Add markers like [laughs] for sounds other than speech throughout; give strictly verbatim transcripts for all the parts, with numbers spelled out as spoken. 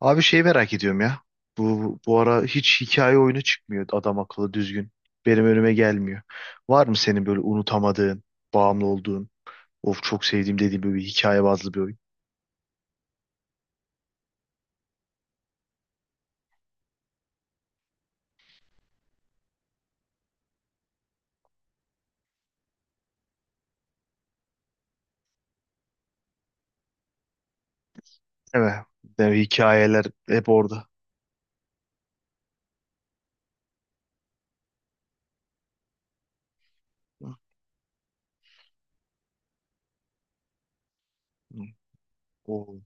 Abi şeyi merak ediyorum ya. Bu bu ara hiç hikaye oyunu çıkmıyor adam akıllı düzgün. Benim önüme gelmiyor. Var mı senin böyle unutamadığın, bağımlı olduğun, of çok sevdiğim dediğin böyle bir hikaye bazlı bir oyun? Evet. Yani hikayeler hep orada. Hı, hı. O,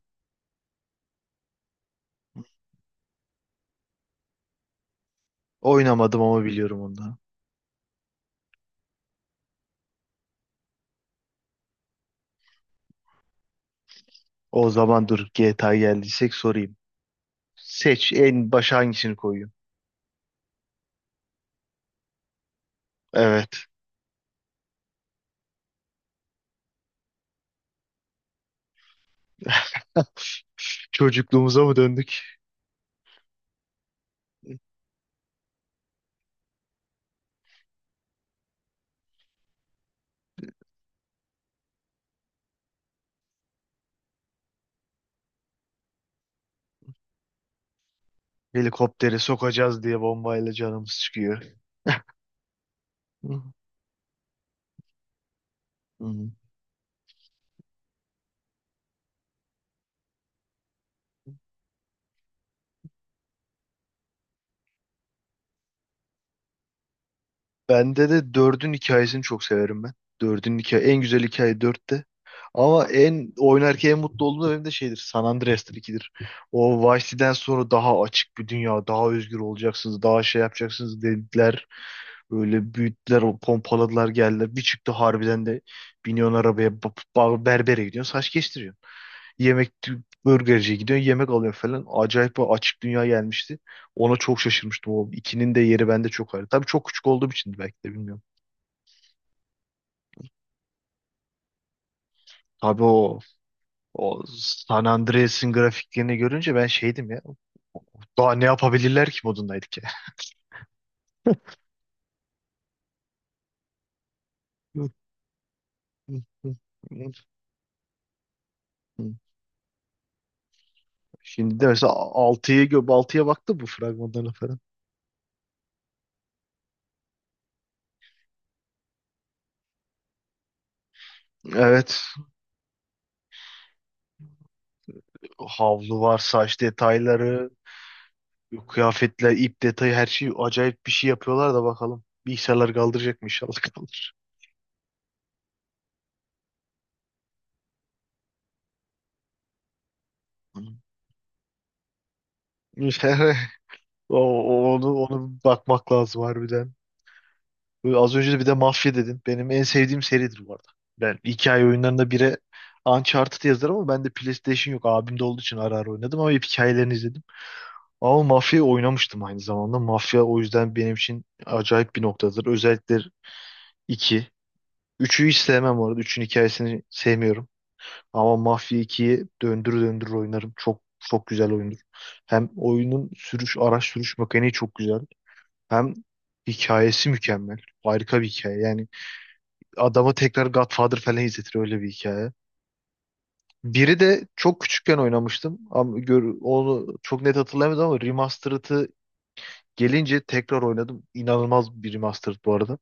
oynamadım ama biliyorum ondan. O zaman dur G T A geldiysek sorayım. Seç en başa hangisini koyuyorsun? Evet. Çocukluğumuza mı döndük? Helikoptere sokacağız diye bombayla canımız çıkıyor. Hı. Hı. Bende de dördün hikayesini çok severim ben. Dördün hikaye en güzel hikaye dörtte. Ama en oynarken en mutlu olduğum da benim de şeydir. San Andreas'tır ikidir. O Vice City'den sonra daha açık bir dünya, daha özgür olacaksınız, daha şey yapacaksınız dediler. Böyle büyüttüler, o pompaladılar geldiler. Bir çıktı harbiden de biniyorsun arabaya, ba- ba- berbere gidiyorsun, saç kestiriyorsun. Yemek burgerciye gidiyorsun, yemek alıyorsun falan. Acayip bir açık dünya gelmişti. Ona çok şaşırmıştım. O ikinin de yeri bende çok ayrı. Tabii çok küçük olduğum için belki de bilmiyorum. Abi o o San Andreas'ın grafiklerini görünce ben şeydim ya. Daha ne yapabilirler ki modundaydık ya. [laughs] Şimdi de mesela altıyı gö altıya baktı bu fragmanlarına falan. Evet. Havlu var, saç detayları, kıyafetler, ip detayı her şey acayip bir şey yapıyorlar da bakalım. Bilgisayarlar kaldıracak mı inşallah kaldır. [laughs] O, o- onu onu bakmak lazım harbiden. Böyle az önce de bir de mafya dedin. Benim en sevdiğim seridir bu arada. Ben hikaye oyunlarında bire Uncharted yazarım ama bende PlayStation yok. Abimde olduğu için ara ara oynadım ama hep hikayelerini izledim. Ama mafya oynamıştım aynı zamanda. Mafya o yüzden benim için acayip bir noktadır. Özellikle iki, üçü hiç sevmem bu arada. üçün hikayesini sevmiyorum. Ama Mafya ikiyi döndür döndür oynarım. Çok çok güzel oyundur. Hem oyunun sürüş, araç sürüş mekaniği çok güzel. Hem hikayesi mükemmel. Harika bir hikaye. Yani adamı tekrar Godfather falan izletir öyle bir hikaye. Biri de çok küçükken oynamıştım. Ama gör, onu çok net hatırlayamadım ama remastered'ı gelince tekrar oynadım. İnanılmaz bir remastered bu arada.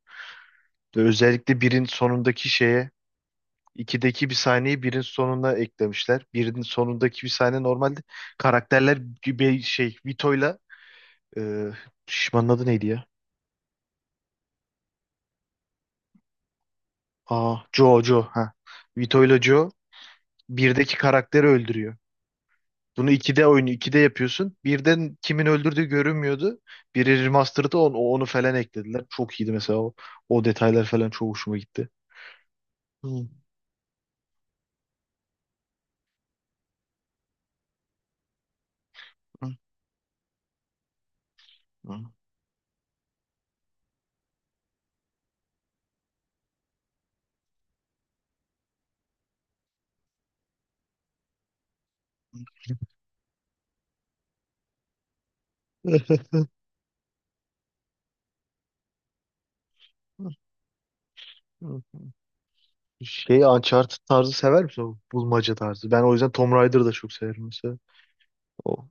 Özellikle birin sonundaki şeye ikideki bir sahneyi birin sonuna eklemişler. Birin sonundaki bir sahne normalde karakterler gibi şey Vito'yla e, şişmanın adı neydi ya? Aa, Joe Joe ha. Vito'yla Joe birdeki karakteri öldürüyor. Bunu iki D oyunu iki D yapıyorsun. Birden kimin öldürdüğü görünmüyordu. Biri remaster'da onu, onu falan eklediler. Çok iyiydi mesela o, o detaylar falan çok hoşuma gitti. Hı, hı, hı. [laughs] Şey Uncharted tarzı sever misin? O bulmaca tarzı. Ben o yüzden Tomb Raider'ı da çok severim mesela. O.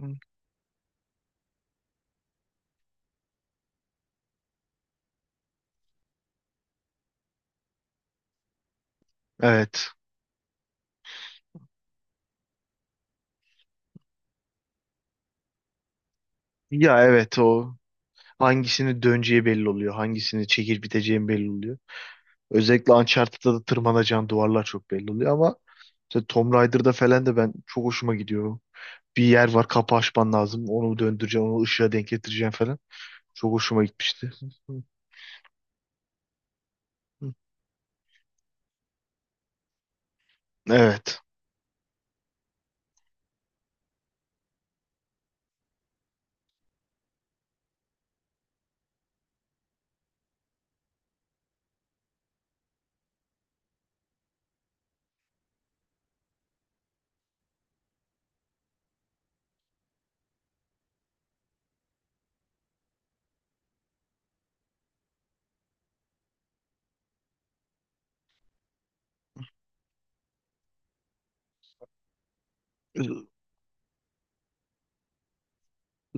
Hı. Evet. Ya evet o. Hangisini döneceği belli oluyor. Hangisini çekip biteceğin belli oluyor. Özellikle Uncharted'da da tırmanacağın duvarlar çok belli oluyor ama mesela Tomb Raider'da falan da ben çok hoşuma gidiyor. Bir yer var kapı açman lazım. Onu döndüreceğim, onu ışığa denk getireceğim falan. Çok hoşuma gitmişti. Evet.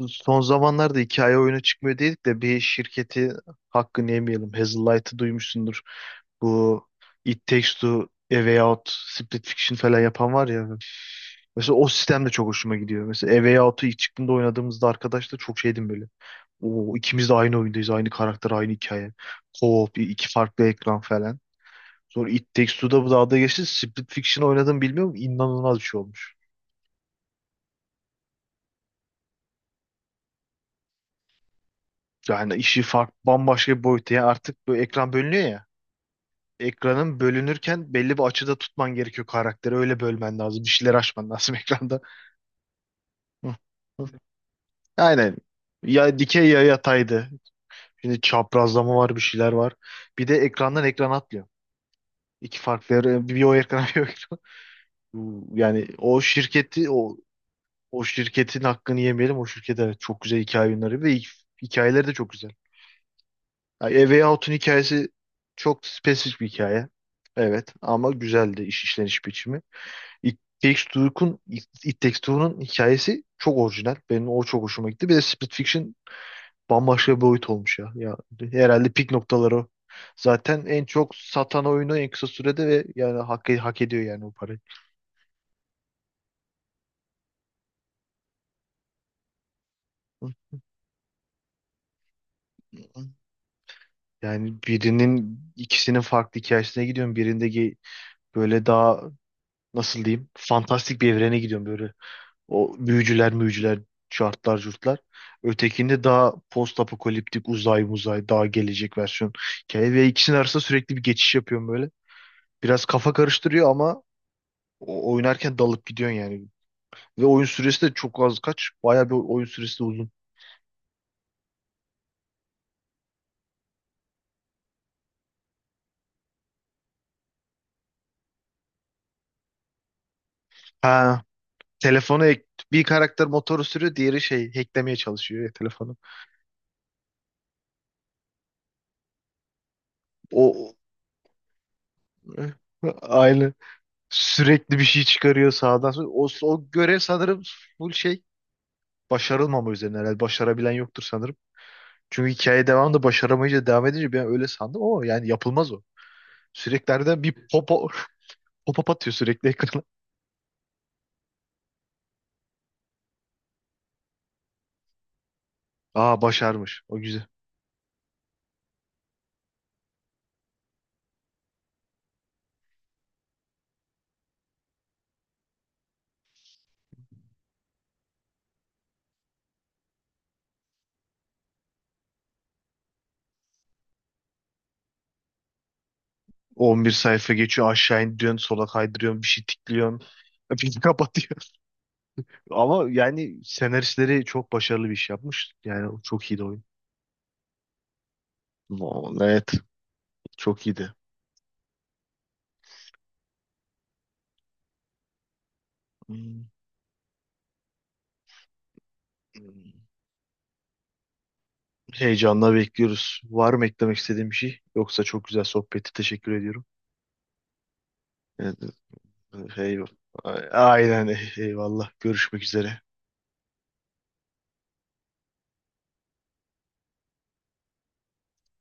Son zamanlarda hikaye oyunu çıkmıyor dedik de bir şirketi hakkını yemeyelim. Hazelight'ı duymuşsundur. Bu It Takes Two, A Way Out, Split Fiction falan yapan var ya. Mesela o sistem de çok hoşuma gidiyor. Mesela A Way Out'u ilk çıktığında oynadığımızda arkadaşlar çok şeydim böyle. Oo, ikimiz de aynı oyundayız. Aynı karakter, aynı hikaye. Co-op, iki farklı ekran falan. Sonra It Takes Two'da bu dalga geçti. Split Fiction oynadım bilmiyorum. İnanılmaz bir şey olmuş. Yani işi farklı bambaşka bir boyuta. Yani artık bu ekran bölünüyor ya. Ekranın bölünürken belli bir açıda tutman gerekiyor karakteri. Öyle bölmen lazım. Bir şeyler açman lazım [laughs] ekranda. Hı, hı. Aynen. Ya dikey ya yataydı. Şimdi çaprazlama var bir şeyler var. Bir de ekrandan ekran atlıyor. İki farklı yer- bir o ekrana [laughs] bir o ekrana. Bu- Yani o şirketi o O şirketin hakkını yemeyelim. O şirket evet çok güzel hikaye yayınları ve hi- hikayeleri de çok güzel. Yani A Way Out'un hikayesi çok spesifik bir hikaye. Evet ama güzeldi iş işleniş biçimi. It Takes Two'nun It It Takes Two'nun hikayesi çok orijinal. Benim o çok hoşuma gitti. Bir de Split Fiction bambaşka bir boyut olmuş ya. Ya herhalde pik noktaları o. Zaten en çok satan oyunu en kısa sürede ve yani hak, e-, hak ediyor yani o parayı. Yani birinin ikisinin farklı hikayesine gidiyorum. Birinde böyle daha nasıl diyeyim fantastik bir evrene gidiyorum böyle. O büyücüler müyücüler şartlar curtlar. Ötekinde daha post apokaliptik uzay muzay daha gelecek versiyon. Hikaye ve ikisinin arasında sürekli bir geçiş yapıyorum böyle. Biraz kafa karıştırıyor ama o- oynarken dalıp gidiyorsun yani. Ve oyun süresi de çok az kaç. Bayağı bir oyun süresi de uzun. Ha, telefonu ek- bir karakter motoru sürüyor, diğeri şey hacklemeye çalışıyor ya telefonu. O [laughs] aynı. Sürekli bir şey çıkarıyor sağdan sola. O, o görev sanırım full şey başarılmama üzerine herhalde. Başarabilen yoktur sanırım. Çünkü hikaye devamında başaramayınca devam edince ben öyle sandım ama yani yapılmaz o. Sürekli harbiden bir popo, [laughs] pop-up atıyor sürekli ekrana. Aa başarmış. O güzel. On bir sayfa geçiyor aşağı indiriyorsun sola kaydırıyorsun bir şey tıklıyorsun. Bir [laughs] kapatıyor. Ama yani senaristleri çok başarılı bir iş yapmış. Yani o çok iyiydi oyun. No, evet çok iyiydi. Hmm. Heyecanla bekliyoruz. Var mı eklemek istediğim bir şey? Yoksa çok güzel sohbeti teşekkür ediyorum. Evet, eyvallah. Aynen eyvallah. Görüşmek üzere.